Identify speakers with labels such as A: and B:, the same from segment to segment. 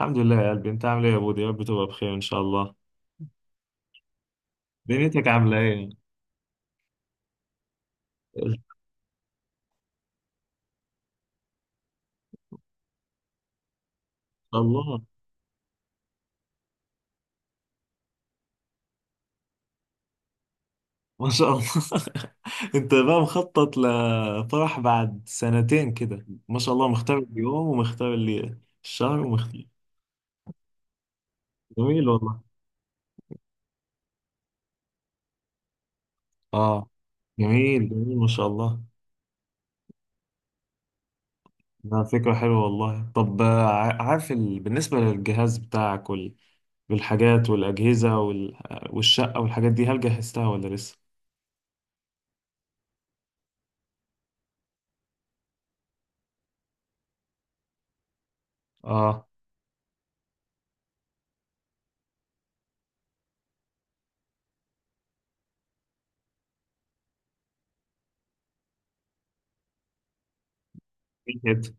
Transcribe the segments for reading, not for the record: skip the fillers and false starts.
A: الحمد لله يا قلبي، انت عامل ايه يا بودي؟ يا رب تبقى بخير ان شاء الله. دنيتك عامله ايه؟ ان شاء الله. ما شاء الله. انت بقى مخطط لفرح بعد سنتين كده، ما شاء الله مختار اليوم ومختار الليله الشهر ومختار. جميل والله. اه. جميل جميل ما شاء الله. ده فكره حلوه والله. طب عارف بالنسبه للجهاز بتاعك والحاجات والاجهزه والشقه والحاجات دي، هل جهزتها ولا لسه؟ اه. ايه كده.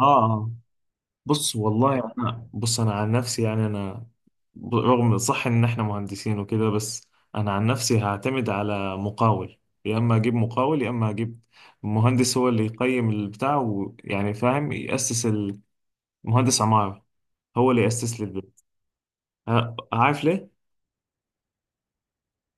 A: اه. بص والله انا، بص انا عن نفسي، يعني انا رغم صح ان احنا مهندسين وكده، بس انا عن نفسي هعتمد على مقاول. يا اما اجيب مقاول يا اما اجيب مهندس هو اللي يقيم البتاع، ويعني فاهم يأسس، المهندس عمارة هو اللي يأسس لي البيت. عارف ليه؟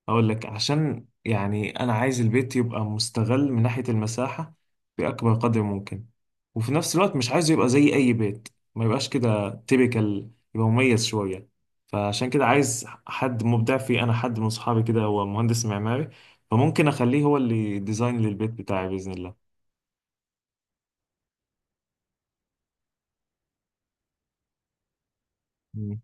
A: اقول لك، عشان يعني انا عايز البيت يبقى مستغل من ناحية المساحة بأكبر قدر ممكن، وفي نفس الوقت مش عايزه يبقى زي اي بيت. ما يبقاش كده تيبيكال، يبقى مميز شوية. فعشان كده عايز حد مبدع فيه، انا حد من صحابي كده هو مهندس معماري، فممكن اخليه هو اللي ديزاين للبيت بتاعي بإذن الله. مم.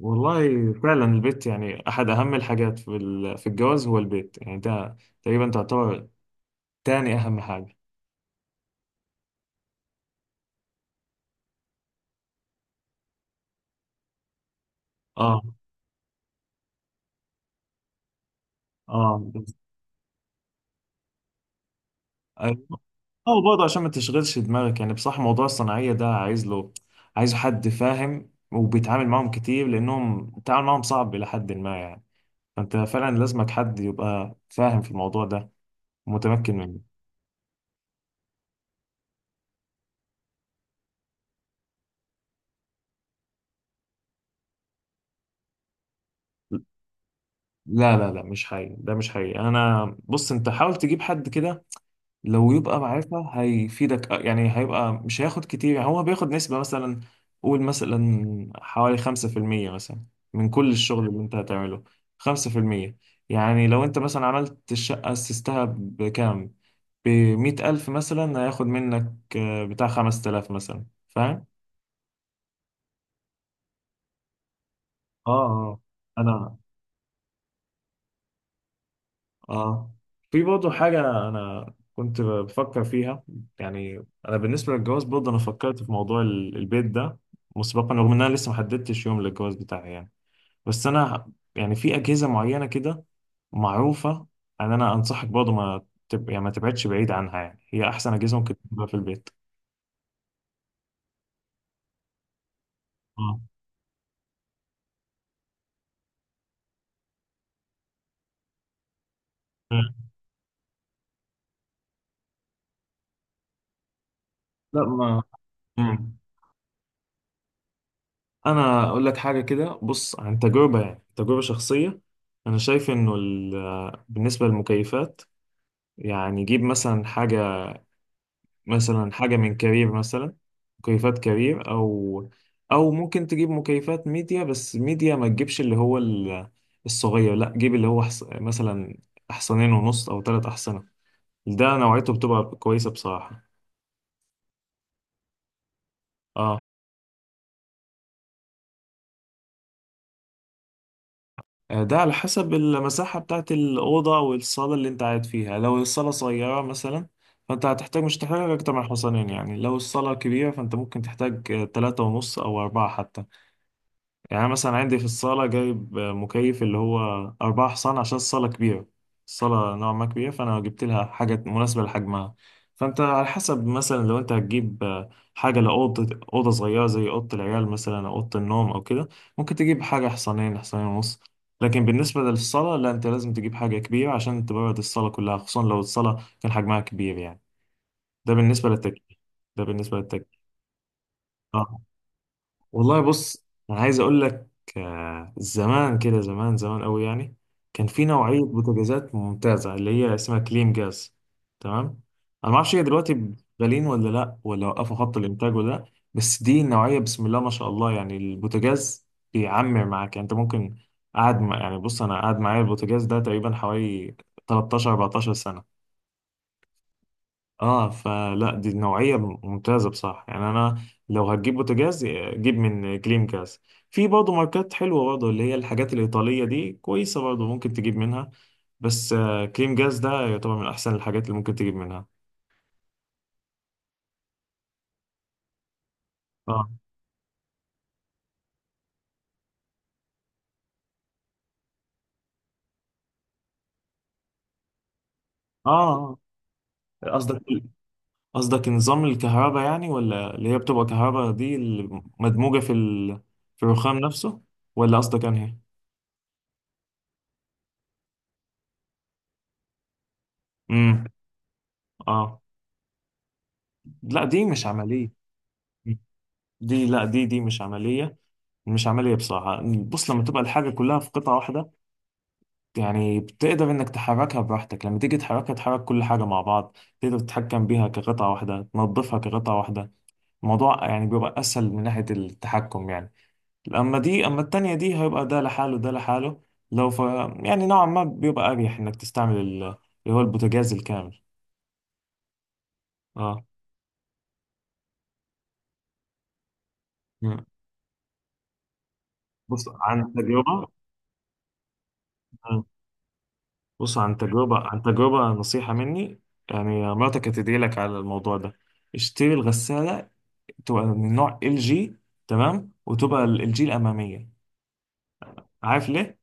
A: والله فعلا البيت يعني احد اهم الحاجات في الجواز، هو البيت يعني ده تقريبا تعتبر تاني اهم حاجة. اه، اه، أيوة. اه، برضه عشان ما تشغلش دماغك، يعني بصح موضوع الصناعية ده، عايز له عايز حد فاهم وبيتعامل معاهم كتير، لأنهم التعامل معاهم صعب إلى حد ما يعني. فأنت فعلا لازمك حد يبقى فاهم في الموضوع ده ومتمكن منه. لا لا لا، مش حقيقي، ده مش حقيقي. أنا بص، أنت حاول تجيب حد كده لو يبقى معرفة هيفيدك، يعني هيبقى مش هياخد كتير، يعني هو بياخد نسبة مثلا. قول مثلا حوالي 5% مثلا من كل الشغل اللي انت هتعمله. 5%. يعني لو انت مثلا عملت الشقة أسستها بكام؟ بـ100,000 مثلا، هياخد منك بتاع 5,000 مثلا. فاهم؟ اه، اه. أنا اه في برضه حاجة أنا كنت بفكر فيها. يعني أنا بالنسبة للجواز برضه، أنا فكرت في موضوع البيت ده مسبقا، رغم إن أنا لسه محددتش يوم للجواز بتاعي يعني. بس أنا يعني في أجهزة معينة كده معروفة، أن أنا أنصحك برضه ما تب... يعني ما تبعدش بعيد عنها، يعني هي أحسن أجهزة ممكن تبقى في البيت. اه، لا، ما. مم. أنا أقول لك حاجة كده، بص عن تجربة يعني، تجربة شخصية. أنا شايف إنه بالنسبة للمكيفات، يعني جيب مثلا حاجة، مثلا حاجة من كارير مثلا. مكيفات كارير، أو ممكن تجيب مكيفات ميديا، بس ميديا ما تجيبش اللي هو الصغير، لا جيب اللي هو مثلا أحصنين ونص أو تلات أحصنة. ده نوعيته بتبقى كويسة بصراحة. اه. ده على حسب المساحة بتاعت الأوضة والصالة اللي أنت قاعد فيها. لو الصالة صغيرة مثلا، فأنت هتحتاج، مش هتحتاج أكتر من حصانين يعني. لو الصالة كبيرة، فأنت ممكن تحتاج تلاتة ونص أو أربعة حتى. يعني أنا مثلا عندي في الصالة جايب مكيف اللي هو أربعة حصان، عشان الصالة كبيرة. الصالة نوعا ما كبيرة، فأنا جبت لها حاجة مناسبة لحجمها. فأنت على حسب مثلا، لو أنت هتجيب حاجة لأوضة صغيرة زي أوضة العيال مثلا، أو أوضة النوم أو كده، ممكن تجيب حاجة حصانين، حصانين ونص. لكن بالنسبة للصالة لا، أنت لازم تجيب حاجة كبيرة عشان تبرد الصالة كلها، خصوصا لو الصالة كان حجمها كبير يعني. ده بالنسبة للتكييف. ده بالنسبة للتكييف. آه. والله بص، انا عايز اقول لك، زمان كده، زمان زمان قوي يعني، كان في نوعيه بوتاجازات ممتازه اللي هي اسمها كليم جاز. تمام. انا ما اعرفش هي دلوقتي غاليين ولا لا، ولا وقفوا خط الانتاج ولا لا، بس دي النوعيه بسم الله ما شاء الله. يعني البوتاجاز بيعمر معاك، يعني انت ممكن يعني بص انا قاعد معايا البوتاجاز ده تقريبا حوالي 13 14 سنه. اه، فلا دي نوعية ممتازة بصراحة، يعني انا لو هتجيب بوتاجاز، جيب من كليم كاس. في برضه ماركات حلوة، برضه اللي هي الحاجات الإيطالية دي كويسة برضه، ممكن تجيب منها. بس كليم جاز ده يعتبر من احسن الحاجات اللي ممكن تجيب منها. اه، اه، آه. قصدك قصدك نظام الكهرباء، يعني ولا اللي هي بتبقى كهرباء دي اللي مدموجة في الرخام نفسه؟ ولا قصدك انهي؟ امم. اه. لا، دي مش عملية. دي، لا دي مش عملية. مش عملية بصراحة، بص لما تبقى الحاجة كلها في قطعة واحدة، يعني بتقدر انك تحركها براحتك، لما تيجي تحركها تحرك كل حاجة مع بعض، تقدر تتحكم بيها كقطعة واحدة، تنظفها كقطعة واحدة. الموضوع يعني بيبقى اسهل من ناحية التحكم يعني. اما دي، اما التانية دي هيبقى ده لحاله، ده لحاله. لو ف يعني نوعا ما بيبقى اريح انك تستعمل اللي هو البوتاجاز الكامل. اه. مم. بص عن تجربة. آه. بص عن تجربة، عن تجربة، نصيحة مني. يعني مراتك هتدعي لك على الموضوع ده. اشتري الغسالة، تبقى من نوع LG. تمام، وتبقى LG الأمامية. عارف ليه؟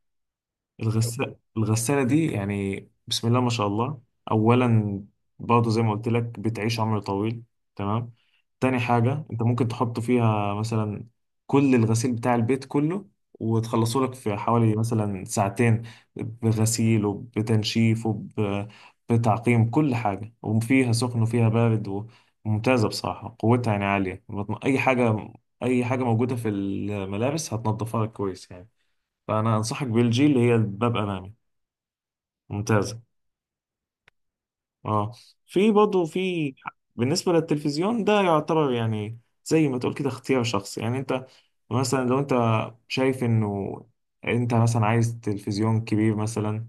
A: الغسالة دي، يعني بسم الله ما شاء الله. أولا، برضه زي ما قلت لك بتعيش عمر طويل. تمام. تاني حاجة، أنت ممكن تحط فيها مثلا كل الغسيل بتاع البيت كله، وتخلصه لك في حوالي مثلا ساعتين، بغسيل وبتنشيف وبتعقيم كل حاجة، وفيها سخن وفيها بارد، وممتازة بصراحة. قوتها يعني عالية، أي حاجة، أي حاجة موجودة في الملابس هتنضفها لك كويس يعني. فانا انصحك بالجي، اللي هي باب امامي، ممتازه. اه. في برضه بالنسبه للتلفزيون ده يعتبر يعني زي ما تقول كده اختيار شخصي، يعني انت مثلا لو انت شايف انه انت مثلا عايز تلفزيون كبير مثلا.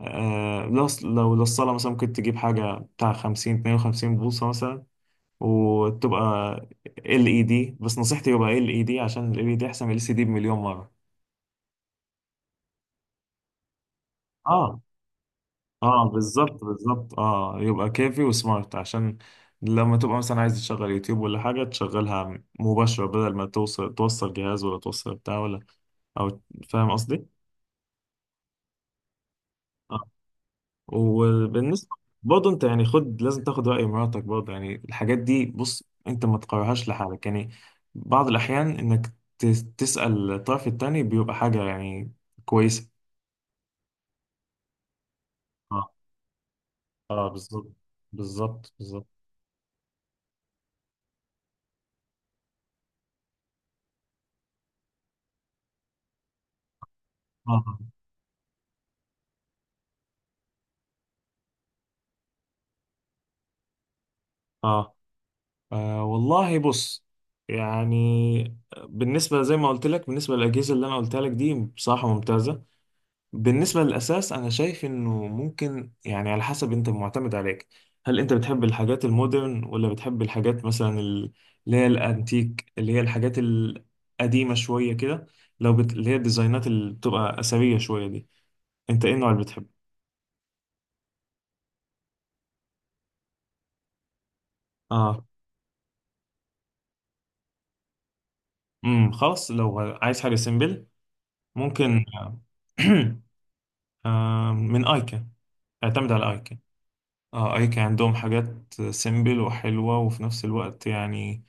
A: لو للصاله مثلا ممكن تجيب حاجه بتاع 50 52 بوصه مثلا، وتبقى LED، بس نصيحتي يبقى LED عشان LED احسن من LCD بمليون مره. اه، اه، بالظبط، بالظبط. اه، يبقى كافي وسمارت، عشان لما تبقى مثلا عايز تشغل يوتيوب ولا حاجة تشغلها مباشرة، بدل ما توصل جهاز ولا توصل بتاع، ولا. او، فاهم قصدي؟ اه. وبالنسبة برضه انت يعني، لازم تاخد رأي مراتك برضه. يعني الحاجات دي بص، انت ما تقررهاش لحالك يعني، بعض الأحيان انك تسأل الطرف التاني بيبقى حاجة يعني كويسة. اه، اه، بالظبط، بالظبط، بالظبط. اه، اه. والله بص، يعني بالنسبة، زي ما قلت لك، بالنسبة للأجهزة اللي أنا قلتها لك دي بصراحة ممتازة. بالنسبة للأساس، أنا شايف إنه ممكن يعني، على حسب، أنت معتمد عليك. هل أنت بتحب الحاجات المودرن ولا بتحب الحاجات مثلا اللي هي الأنتيك، اللي هي الحاجات القديمة شوية كده. اللي هي الديزاينات اللي بتبقى أثرية شوية دي، أنت إيه النوع اللي بتحبه؟ آه. خلاص، لو عايز حاجة سيمبل، ممكن من أيكا. اعتمد على ايكن. اه، ايكن عندهم حاجات سيمبل وحلوة، وفي نفس الوقت يعني،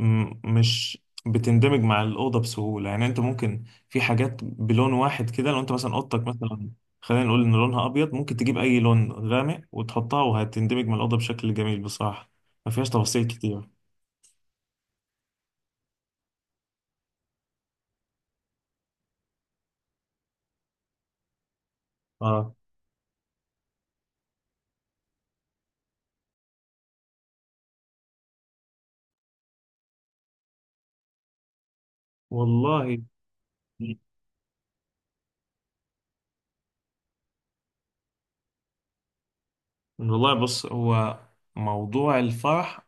A: مش بتندمج مع الأوضة بسهولة. يعني انت ممكن في حاجات بلون واحد كده، لو انت مثلا أوضتك مثلا خلينا نقول ان لونها ابيض، ممكن تجيب اي لون غامق وتحطها، وهتندمج مع الأوضة بشكل جميل بصراحة. ما فيهاش تفاصيل كتير. اه. والله والله بص هو، موضوع الفرح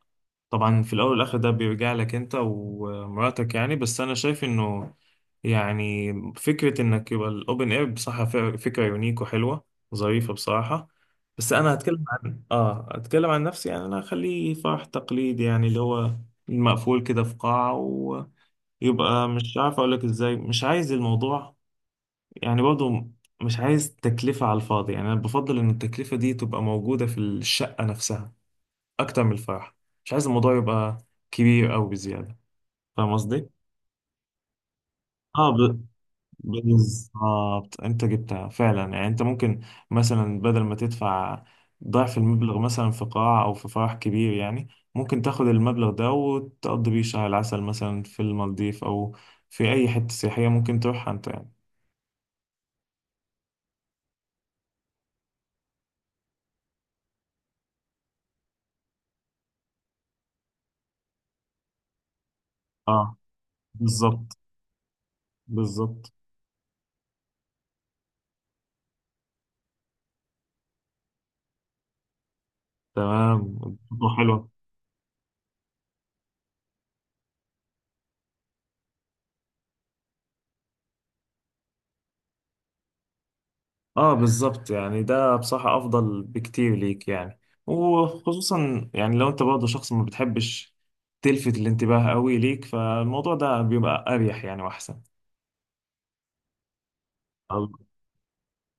A: طبعا في الاول والاخر ده بيرجع لك انت ومراتك يعني، بس انا شايف انه يعني فكره انك يبقى الاوبن اير بصراحه، فكره يونيك وحلوه، ظريفه بصراحه. بس انا هتكلم عن، هتكلم عن نفسي، يعني انا اخليه فرح تقليدي، يعني اللي هو المقفول كده في قاعه. ويبقى مش عارف اقول لك ازاي، مش عايز الموضوع يعني برضه، مش عايز تكلفة على الفاضي. يعني أنا بفضل إن التكلفة دي تبقى موجودة في الشقة نفسها، أكتر من الفرح. مش عايز الموضوع يبقى كبير أوي بزيادة. فاهم قصدي؟ اه، بالظبط أنت جبتها فعلا، يعني أنت ممكن مثلا بدل ما تدفع ضعف المبلغ مثلا في قاعة أو في فرح كبير يعني، ممكن تاخد المبلغ ده وتقضي بيه شهر العسل مثلا في المالديف، أو في أي حتة سياحية ممكن تروحها أنت يعني. اه، بالظبط، بالظبط. تمام. برضه حلوة. اه، بالظبط، يعني ده بصراحة أفضل بكتير ليك يعني، وخصوصا يعني لو أنت برضه شخص ما بتحبش تلفت الانتباه قوي ليك، فالموضوع ده بيبقى أريح يعني، وأحسن. الله.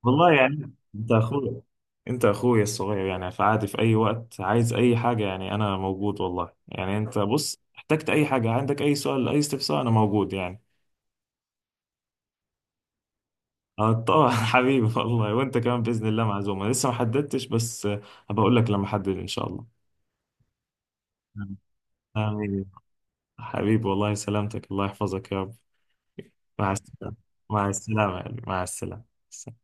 A: والله يعني أنت أخويا، أنت أخويا الصغير يعني، فعادي في أي وقت عايز أي حاجة يعني أنا موجود والله. يعني أنت بص، احتجت أي حاجة، عندك أي سؤال، أي استفسار، أنا موجود يعني. اه طبعا. حبيبي والله، وانت كمان باذن الله معزومه، لسه ما حددتش، بس هبقى اقول لك لما احدد ان شاء الله. امين. حبيبي والله، سلامتك، الله يحفظك يا رب. مع السلامه. مع السلامه يا قلبي، مع السلامه.